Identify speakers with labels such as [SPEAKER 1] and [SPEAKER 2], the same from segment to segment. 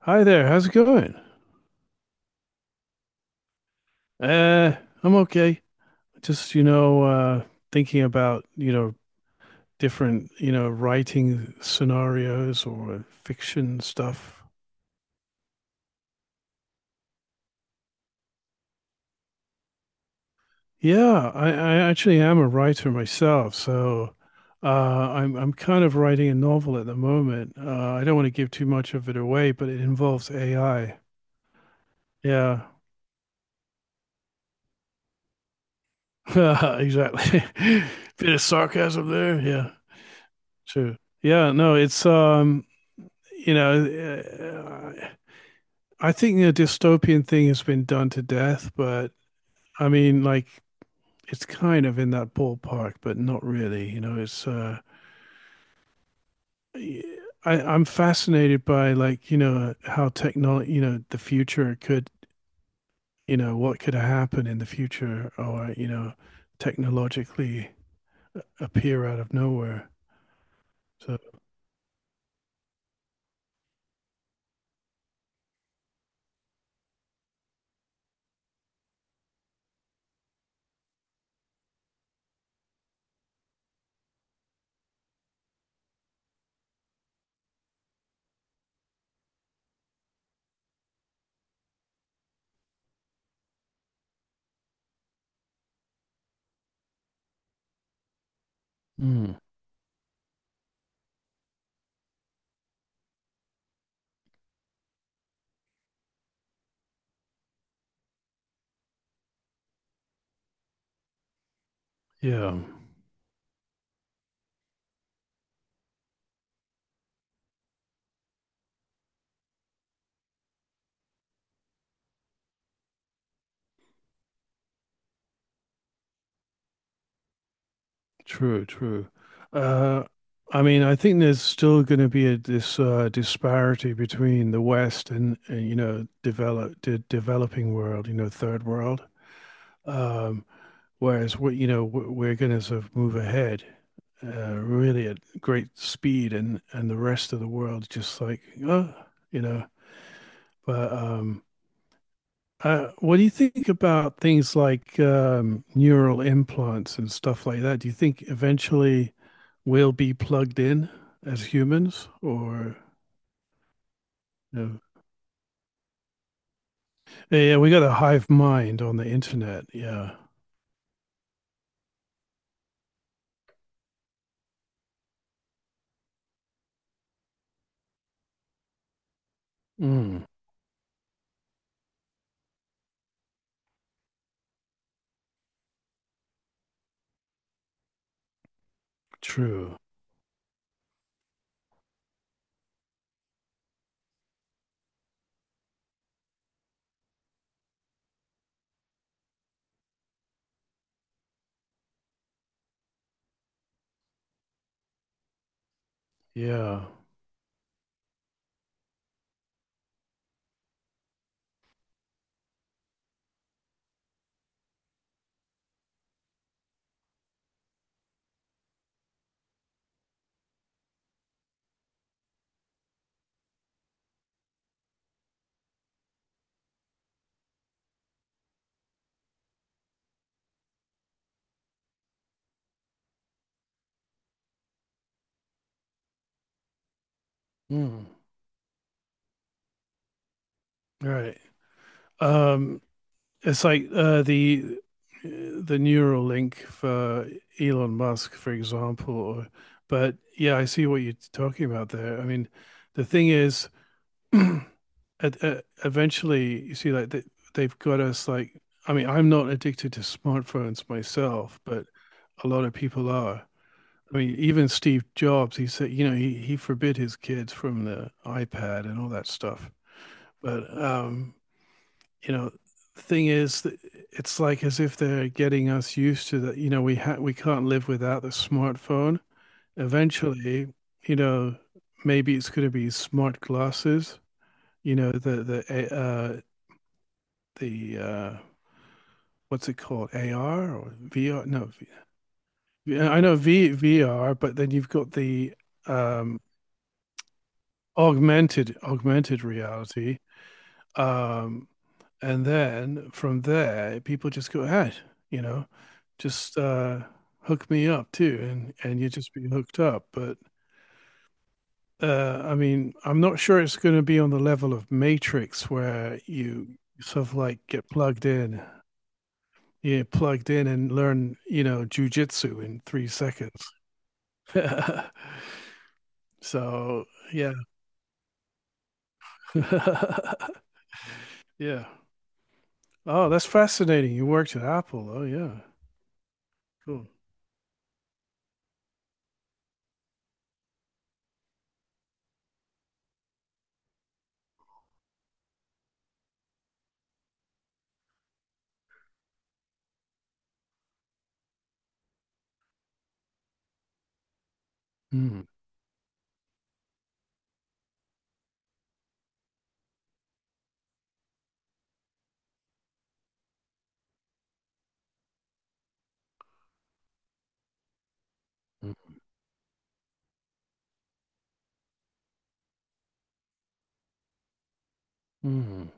[SPEAKER 1] Hi there. How's it going? Uh, I'm okay. Just, thinking about different, writing scenarios or fiction stuff. Yeah, I actually am a writer myself, so uh, I'm kind of writing a novel at the moment. I don't want to give too much of it away, but it involves AI. Yeah, exactly. Bit of sarcasm there. Yeah, sure. Yeah, no, it's you know, uh, I think the dystopian thing has been done to death, but I mean, like, it's kind of in that ballpark, but not really. You know, I, I'm fascinated by how technology, the future could, what could happen in the future, or technologically appear out of nowhere. So mm. Yeah. True, true. Uh, I mean, I think there's still going to be this disparity between the West and you know develop the developing world, you know, third world. Um, whereas we, you know, we're going to sort of move ahead really at great speed, and the rest of the world just like, oh, you know. But what do you think about things like neural implants and stuff like that? Do you think eventually we'll be plugged in as humans, or you know, yeah, yeah, we got a hive mind on the internet. Yeah, mm, true. Yeah, mm, right. Um, it's like the neural link for Elon Musk, for example. Or, but yeah, I see what you're talking about there. I mean, the thing is. Eventually, you see, they've got us like, I mean, I'm not addicted to smartphones myself, but a lot of people are. I mean, even Steve Jobs, he said, you know, he forbid his kids from the iPad and all that stuff. But you know, thing is, that it's like as if they're getting us used to that. You know, we can't live without the smartphone. Eventually, you know, maybe it's going to be smart glasses you know the what's it called, AR or VR? No, I know VR, but then you've got the um, augmented reality, um, and then from there people just go ahead, you know, just hook me up too, and you just be hooked up. But I mean, I'm not sure it's going to be on the level of Matrix where you sort of like get plugged in, yeah, plugged in and learn, you know, jujitsu in 3 seconds. So, yeah. Yeah. Oh, that's fascinating. You worked at Apple. Oh, yeah. Cool. Mm, mm, mm,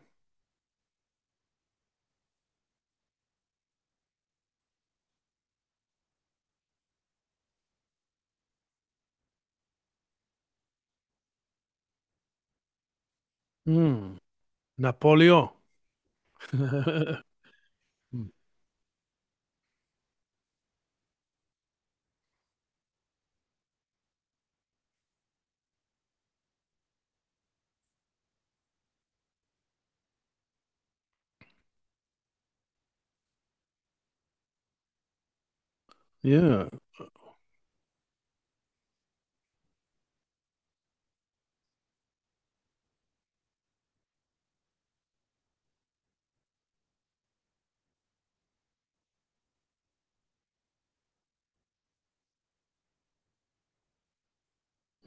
[SPEAKER 1] mm. Napoleon. Yeah.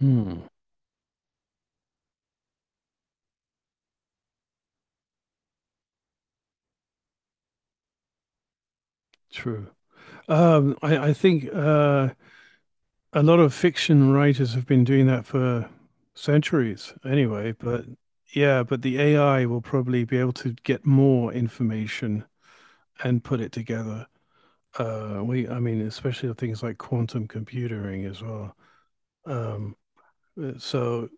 [SPEAKER 1] Mm, true. I think a lot of fiction writers have been doing that for centuries anyway, but yeah, but the AI will probably be able to get more information and put it together. I mean, especially things like quantum computing as well. Um, so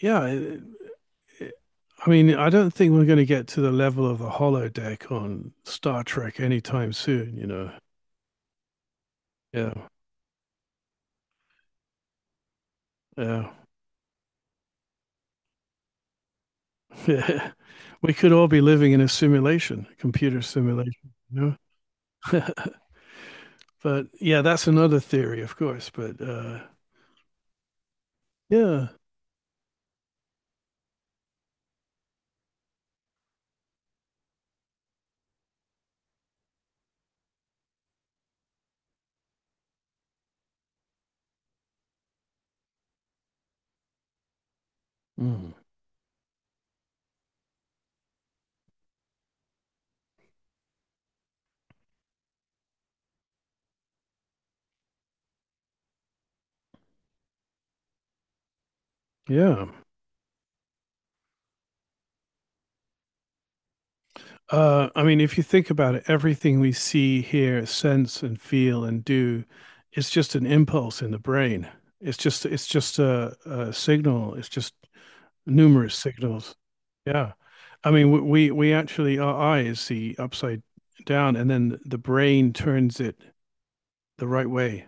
[SPEAKER 1] yeah, it, it, I mean, I don't think we're going to get to the level of the holodeck on Star Trek anytime soon. You know, yeah, yeah, yeah. we could all be living in a simulation, computer simulation. You know, but yeah, that's another theory, of course. But yeah, mm. Yeah. I mean, if you think about it, everything we see, hear, sense, and feel and do is just an impulse in the brain. It's just a signal. It's just numerous signals. Yeah. I mean, we actually our eyes see upside down, and then the brain turns it the right way.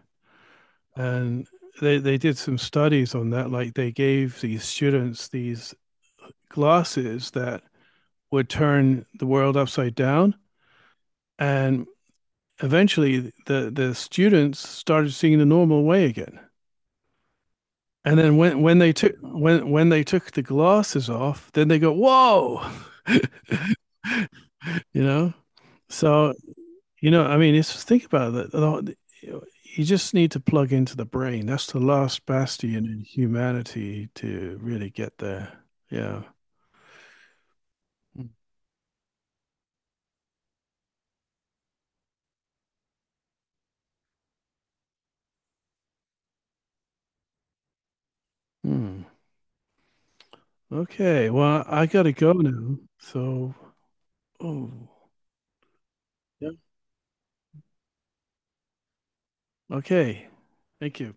[SPEAKER 1] And they did some studies on that. Like they gave these students these glasses that would turn the world upside down and eventually the students started seeing the normal way again. And then when they took the glasses off, then they go, "Whoa!" you know. So you know, I mean, it's think about it. You just need to plug into the brain. That's the last bastion in humanity to really get there. Yeah. Hmm. Okay. Well, I gotta go now. So, oh, yeah. Okay. Thank you.